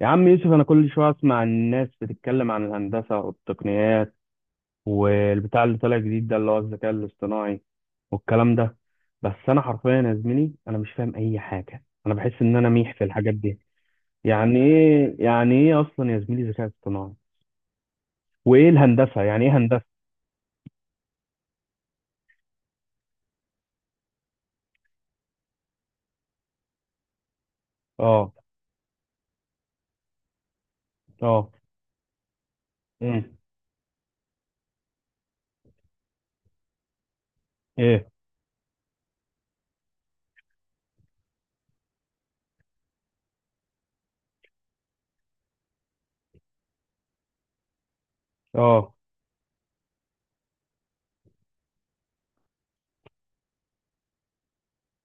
يا عم يوسف، انا كل شويه اسمع الناس بتتكلم عن الهندسه والتقنيات والبتاع اللي طالع جديد ده، اللي هو الذكاء الاصطناعي والكلام ده. بس انا حرفيا يا زميلي، انا مش فاهم اي حاجه، انا بحس ان انا ميح في الحاجات دي. يعني ايه اصلا يا زميلي، ذكاء اصطناعي؟ وايه الهندسه؟ يعني ايه هندسه؟ اه. اه. امم. ايه. اه.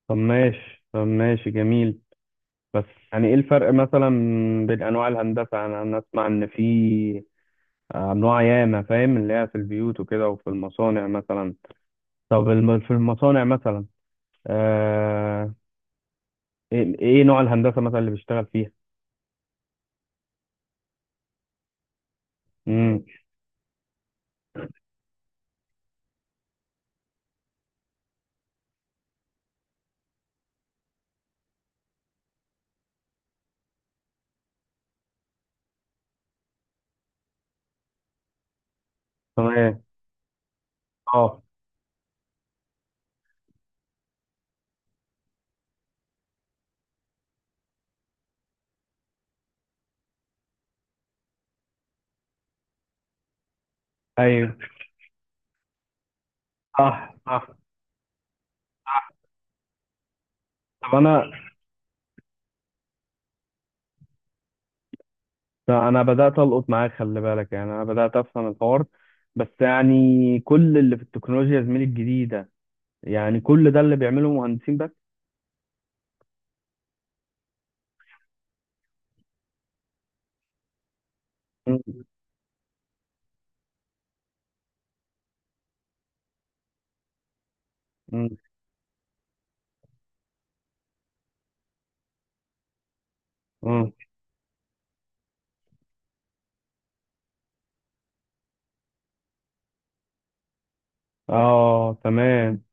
طب ماشي، طب ماشي، جميل. بس يعني ايه الفرق مثلا بين انواع الهندسه؟ يعني انا اسمع ان في انواع ياما، فاهم، اللي هي في البيوت وكده، وفي المصانع مثلا. طب في المصانع مثلا. آه، ايه نوع الهندسه مثلا اللي بيشتغل فيها؟ امم. تمام. اه. ايوه. صح، صح. طب انا طب انا بدات القط معاك، خلي بالك، يعني انا بدات افهم الحوار. بس يعني كل اللي في التكنولوجيا يا زميلي الجديده، يعني كل ده اللي بيعمله مهندسين بس؟ مم. مم. مم. اه، تمام.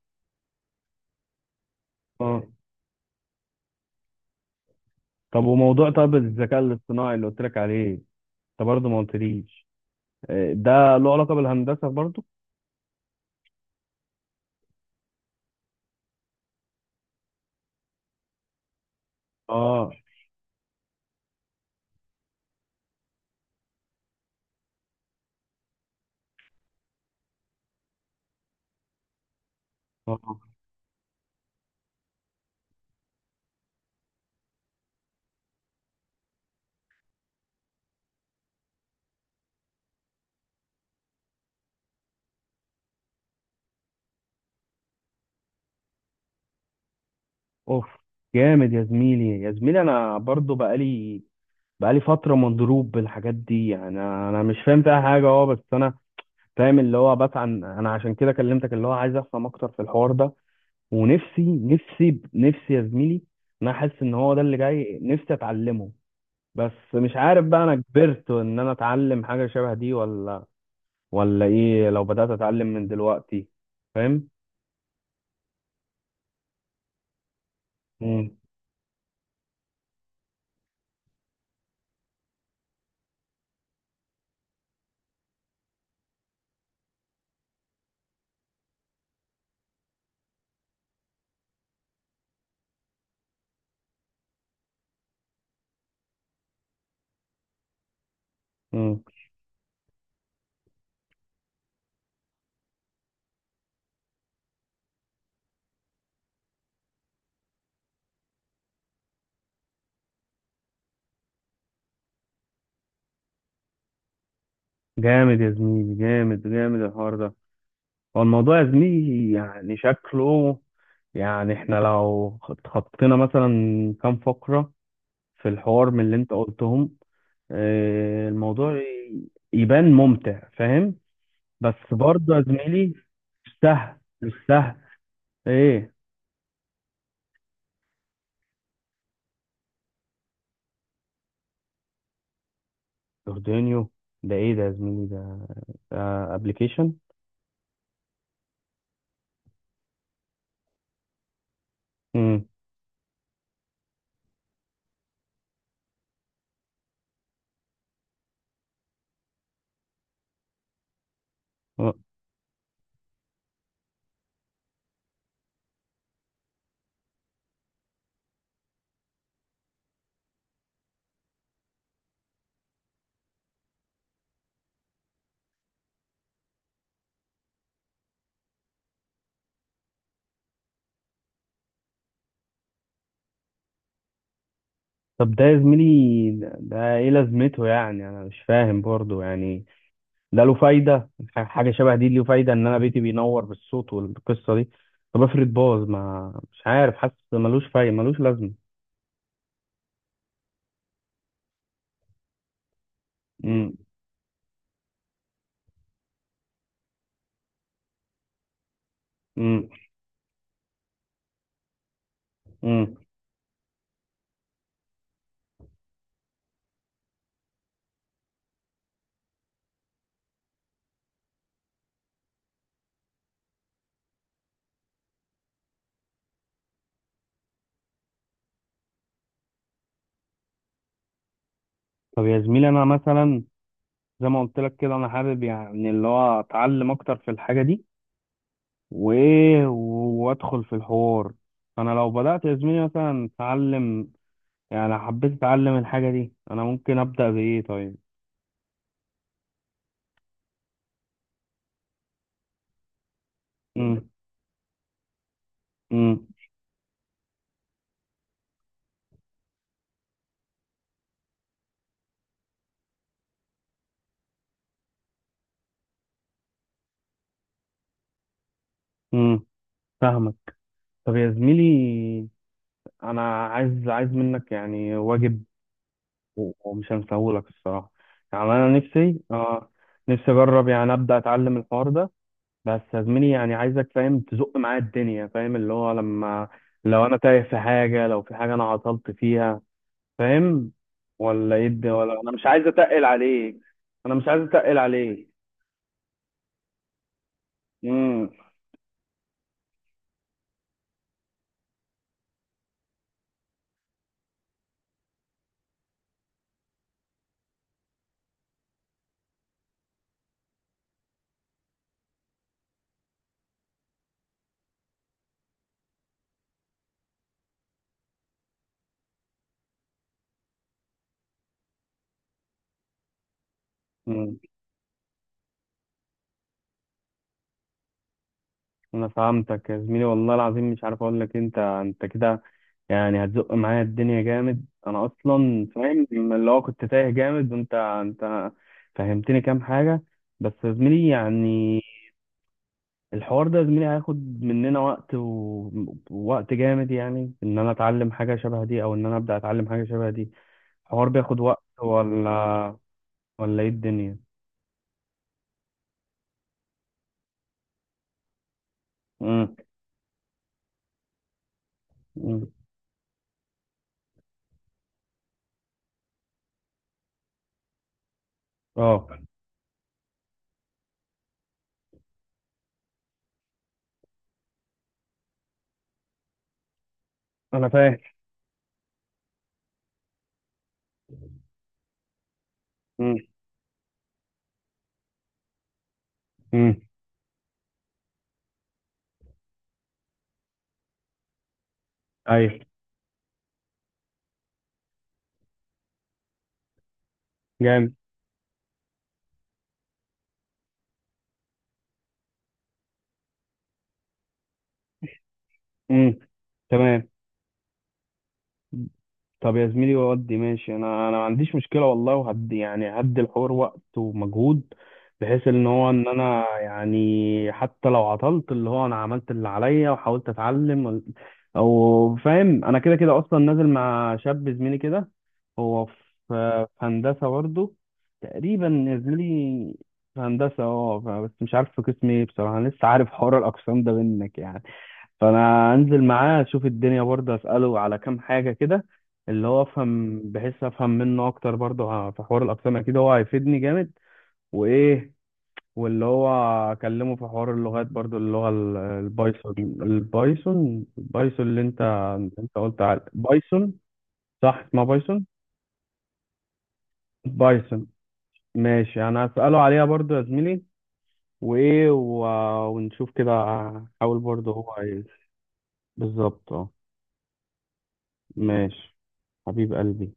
اه. طب الذكاء الاصطناعي اللي قلت لك عليه، انت برضه ما قلتليش. ده له علاقة بالهندسة برضه؟ اه. اه. اوف، جامد يا زميلي، يا زميلي. انا برضه بقالي فترة مضروب بالحاجات دي. انا مش فاهم فيها حاجة. اه، بس انا فاهم اللي هو بسعى، انا عشان كده كلمتك، اللي هو عايز افهم اكتر في الحوار ده. ونفسي، نفسي، نفسي يا زميلي، إن انا حاسس ان هو ده اللي جاي نفسي اتعلمه. بس مش عارف بقى، انا كبرت ان انا اتعلم حاجة شبه دي؟ ولا، ولا ايه؟ لو بدأت اتعلم من دلوقتي؟ فاهم؟ مم. مم. جامد يا زميلي، جامد، جامد الحوار ده. هو الموضوع يا زميلي يعني شكله، يعني احنا لو اتخطينا مثلا كام فقرة في الحوار من اللي انت قلتهم، الموضوع يبان ممتع، فاهم. بس برضه يا زميلي، مش سهل، مش سهل. ايه، جوردانيو؟ ده ايه ده يا زميلي؟ ده ابلكيشن؟ امم. طب ده يا زميلي، ده ايه لازمته؟ يعني انا مش فاهم برضه. يعني ده له فايدة؟ حاجة شبه دي له فايدة ان انا بيتي بينور بالصوت والقصة دي؟ طب افرض باظ، ما مش عارف، حاسس ملوش فايدة، ملوش لازمة. امم. امم. امم. طب يا زميلي، انا مثلا زي ما قلت لك كده، انا حابب يعني اللي هو اتعلم اكتر في الحاجة دي، وايه، وادخل في الحوار. انا لو بدأت يا زميلي مثلا اتعلم، يعني حبيت اتعلم الحاجة دي، انا ممكن ابدأ بايه طيب؟ امم. امم. امم. فاهمك. طب يا زميلي، انا عايز منك يعني واجب، ومش هنساهولك الصراحه. يعني انا نفسي اجرب يعني، ابدا اتعلم الحوار ده. بس يا زميلي يعني عايزك، فاهم، تزق معايا الدنيا، فاهم؟ اللي هو لو انا تايه في حاجه، لو في حاجه انا عطلت فيها، فاهم؟ ولا يد، ولا، انا مش عايز اتقل عليك. انا مش عايز اتقل عليك. امم. امم. انا فهمتك يا زميلي، والله العظيم مش عارف اقول لك إيه. انت كده يعني هتزق معايا الدنيا جامد. انا اصلا فاهم لما اللي هو كنت تايه جامد، وانت فهمتني كام حاجه. بس يا زميلي يعني الحوار ده يا زميلي هياخد مننا وقت، ووقت جامد، يعني ان انا اتعلم حاجه شبه دي، او ان انا ابدا اتعلم حاجه شبه دي. الحوار بياخد وقت، ولا، ولا ايه الدنيا؟ امم. إمم. اه، انا فاهم. امم. إمم. ايوه. جامد. امم. تمام. طب يا زميلي ودي ماشي، انا ما عنديش مشكله والله. وهدي يعني هدي الحوار وقت ومجهود، بحيث ان هو، ان انا يعني حتى لو عطلت اللي هو، انا عملت اللي عليا وحاولت اتعلم او فاهم، انا كده كده اصلا نازل مع شاب زميلي كده. هو في هندسه برضه، تقريبا يا زميلي، في هندسه. اه، بس مش عارف في قسم ايه بصراحه. أنا لسه عارف حوار الاقسام ده منك يعني، فانا انزل معاه اشوف الدنيا، برضه اساله على كام حاجه كده، اللي هو افهم، بحيث افهم منه اكتر برضه، في حوار الاقسام اكيد هو هيفيدني جامد. وايه، واللي هو اكلمه في حوار اللغات برضه، اللغه البايثون. البايثون اللي انت قلت عليه بايثون، صح؟ اسمها بايثون. بايثون، ماشي. انا هساله عليها برضه يا زميلي. وايه، ونشوف كده، احاول برضه هو عايز. بالظبط، اه. ماشي، حبيب قلبي.